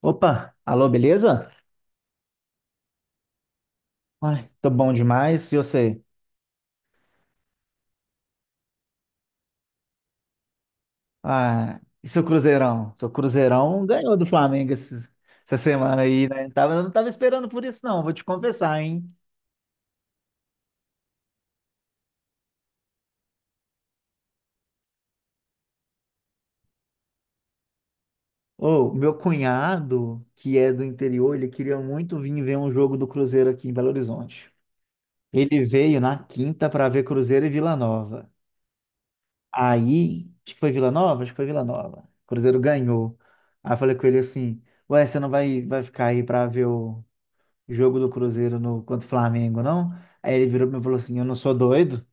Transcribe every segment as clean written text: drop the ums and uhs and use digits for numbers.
Opa, alô, beleza? Ai, tô bom demais. E você? Ah, e seu Cruzeirão? Seu Cruzeirão ganhou do Flamengo essa semana aí, né? Eu não tava esperando por isso, não, vou te confessar, hein? Ô, meu cunhado, que é do interior, ele queria muito vir ver um jogo do Cruzeiro aqui em Belo Horizonte. Ele veio na quinta pra ver Cruzeiro e Vila Nova. Aí, acho que foi Vila Nova? Acho que foi Vila Nova. O Cruzeiro ganhou. Aí eu falei com ele assim: Ué, você não vai ficar aí pra ver o jogo do Cruzeiro contra o Flamengo, não? Aí ele virou pra mim e falou assim: Eu não sou doido.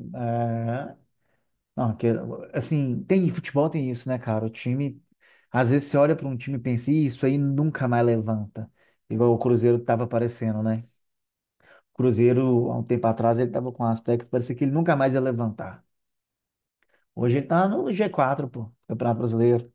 É, não, que, assim, tem futebol, tem isso, né, cara? O time, às vezes você olha para um time e pensa, "Ih, isso aí nunca mais levanta." Igual o Cruzeiro tava aparecendo, né? O Cruzeiro, há um tempo atrás, ele tava com um aspecto, que parecia que ele nunca mais ia levantar. Hoje ele tá no G4 pô, Campeonato Brasileiro.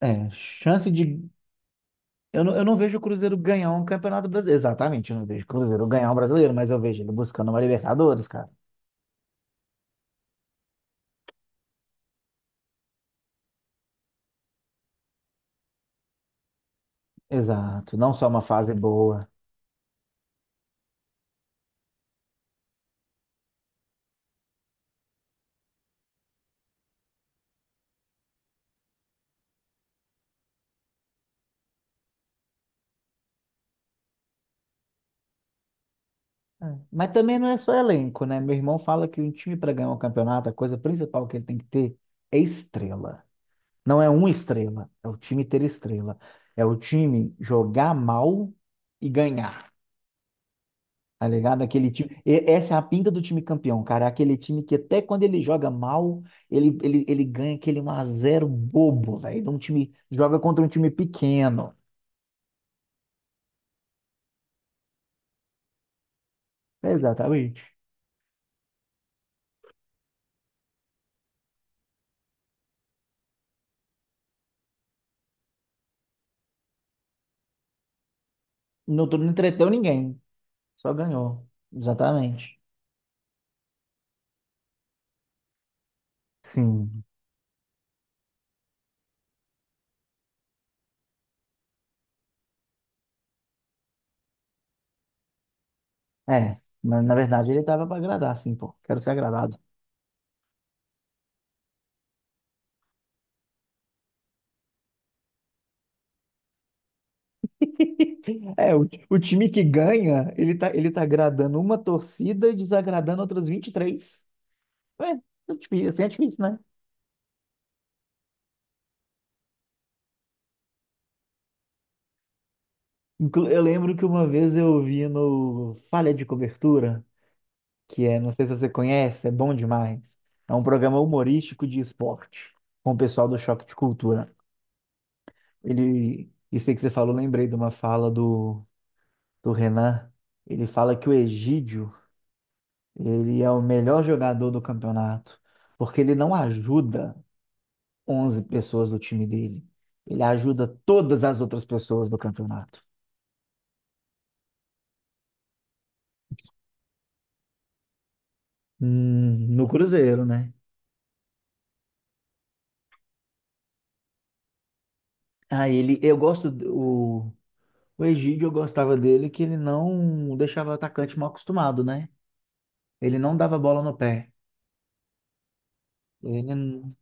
É, chance de. Eu não vejo o Cruzeiro ganhar um campeonato brasileiro. Exatamente, eu não vejo o Cruzeiro ganhar um brasileiro, mas eu vejo ele buscando uma Libertadores, cara. Exato, não só uma fase boa. É. Mas também não é só elenco, né? Meu irmão fala que um time para ganhar um campeonato, a coisa principal que ele tem que ter é estrela. Não é uma estrela, é o time ter estrela. É o time jogar mal e ganhar. Tá ligado? Aquele time. Essa é a pinta do time campeão, cara. É aquele time que até quando ele joga mal, ele ganha aquele um a zero bobo, velho. De Um time joga contra um time pequeno. Exatamente. Não, não entreteu ninguém. Só ganhou. Exatamente. Sim. É. Na verdade, ele tava pra agradar, sim, pô. Quero ser agradado. É, o time que ganha, ele tá agradando uma torcida e desagradando outras 23. É, é difícil, assim é difícil. Eu lembro que uma vez eu vi no Falha de Cobertura, que é, não sei se você conhece, é bom demais. É um programa humorístico de esporte, com o pessoal do Choque de Cultura. Ele, isso aí que você falou, lembrei de uma fala do Renan. Ele fala que o Egídio, ele é o melhor jogador do campeonato, porque ele não ajuda 11 pessoas do time dele. Ele ajuda todas as outras pessoas do campeonato. No Cruzeiro, né? Ah, ele, eu gosto, o Egídio, eu gostava dele que ele não deixava o atacante mal acostumado, né? Ele não dava bola no pé. Ele,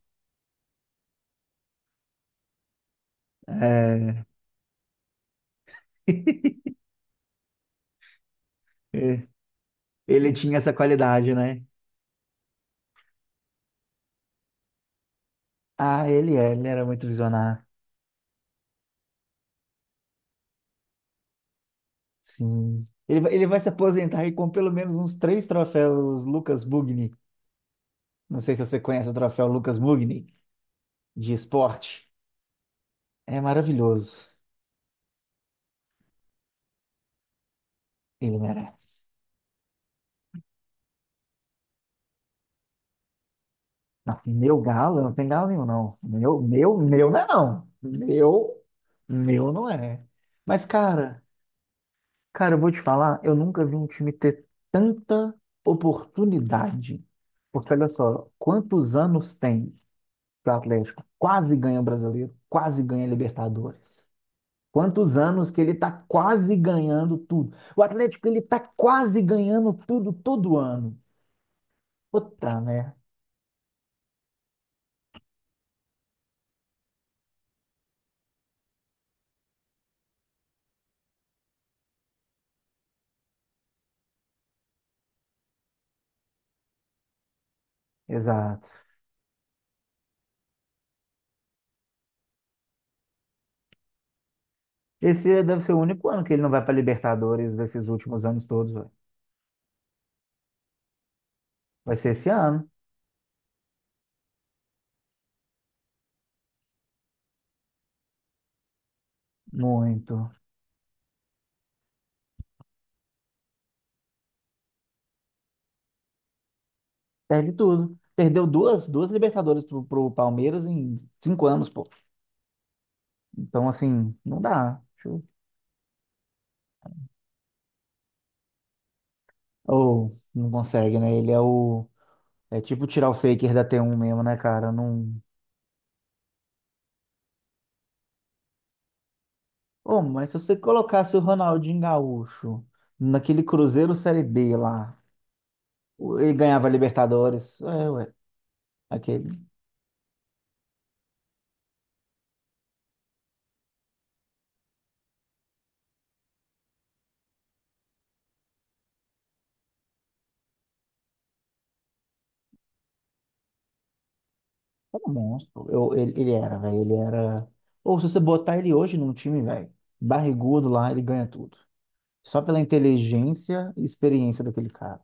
é, é, ele tinha essa qualidade, né? Ah, ele era muito visionário. Sim. Ele vai se aposentar aí com pelo menos uns três troféus Lucas Mugni. Não sei se você conhece o troféu Lucas Mugni de esporte. É maravilhoso. Ele merece. Não, meu galo? Não tem galo nenhum, não. Meu não é, não. Meu não é. Mas, cara, cara, eu vou te falar, eu nunca vi um time ter tanta oportunidade. Porque, olha só, quantos anos tem que o Atlético quase ganha o Brasileiro, quase ganha a Libertadores? Quantos anos que ele tá quase ganhando tudo? O Atlético, ele tá quase ganhando tudo todo ano. Puta, né? Exato. Esse deve ser o único ano que ele não vai para Libertadores desses últimos anos todos, velho. Vai ser esse ano. Muito. Perde tudo. Perdeu duas Libertadores pro Palmeiras em 5 anos, pô. Então, assim, não dá. Deixa. Ou não consegue, né? Ele é o. É tipo tirar o Faker da T1 mesmo, né, cara? Não. Ô, mas se você colocasse o Ronaldinho Gaúcho naquele Cruzeiro Série B lá, ele ganhava Libertadores. É, ué. Aquele. Era um monstro. Eu, ele era, velho. Ele era. Ou se você botar ele hoje num time, velho, barrigudo lá, ele ganha tudo. Só pela inteligência e experiência daquele cara.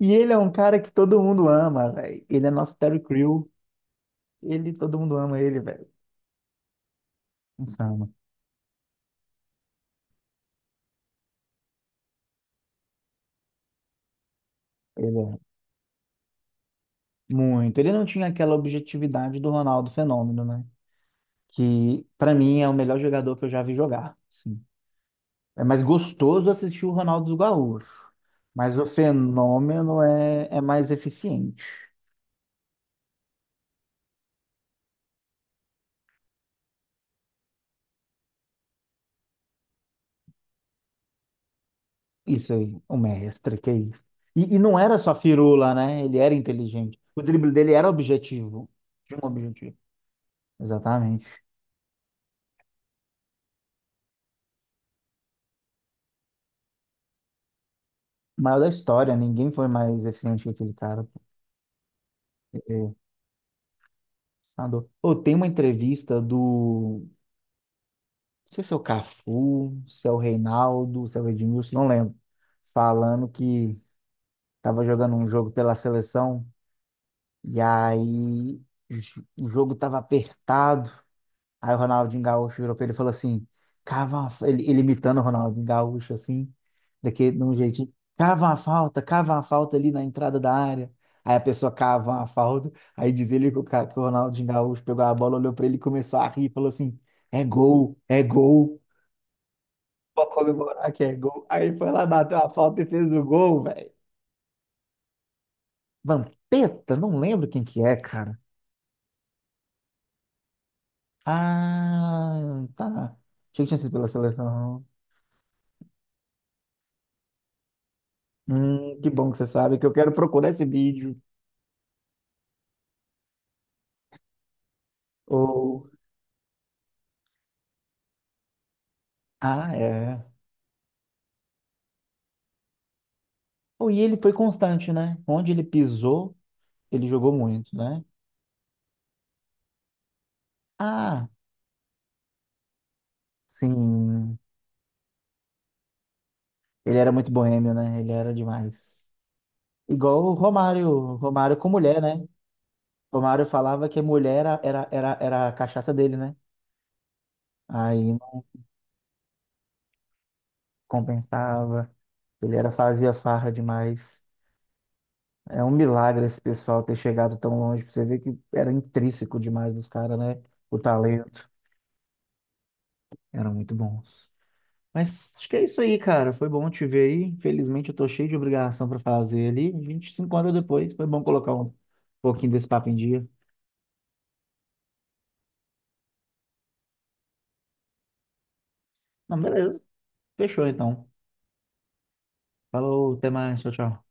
E ele é um cara que todo mundo ama, velho. Ele é nosso Terry Crew. Ele, todo mundo ama ele, velho. Nossa, ama. Ele é muito. Ele não tinha aquela objetividade do Ronaldo Fenômeno, né? Que, pra mim, é o melhor jogador que eu já vi jogar, assim. É mais gostoso assistir o Ronaldo Gaúcho, mas o fenômeno é mais eficiente. Isso aí, o mestre, que é isso. E não era só firula, né? Ele era inteligente. O drible dele era objetivo. Tinha um objetivo. Exatamente. O maior da história, ninguém foi mais eficiente que aquele cara. Porque nadou. Pô, tem uma entrevista do. Não sei se é o Cafu, se é o Reinaldo, se é o Edmilson, não lembro. Falando que tava jogando um jogo pela seleção. E aí o jogo tava apertado. Aí o Ronaldinho Gaúcho virou pra ele e falou assim: cava uma, ele imitando o Ronaldinho Gaúcho, assim, daquele, de um jeitinho, cava uma falta ali na entrada da área. Aí a pessoa cava uma falta. Aí diz ele que que o Ronaldinho Gaúcho pegou a bola, olhou pra ele e começou a rir, falou assim: é gol, é gol. Pode comemorar que é gol. Aí ele foi lá, bateu a falta e fez o gol, velho. Vampeta? Não lembro quem que é, cara. Ah, tá. Achei que tinha sido pela seleção. Que bom que você sabe que eu quero procurar esse vídeo. Ou. Ah, é. Oh, e ele foi constante, né? Onde ele pisou, ele jogou muito, né? Ah, sim. Ele era muito boêmio, né? Ele era demais. Igual o Romário. Romário com mulher, né? Romário falava que mulher era a cachaça dele, né? Aí não compensava. Ele era, fazia farra demais. É um milagre esse pessoal ter chegado tão longe, pra você ver que era intrínseco demais dos caras, né? O talento. Eram muito bons. Mas acho que é isso aí, cara. Foi bom te ver aí. Infelizmente eu tô cheio de obrigação pra fazer ali. A gente se encontra depois. Foi bom colocar um pouquinho desse papo em dia. Não, beleza. Fechou então. Falou, até mais. Tchau, tchau.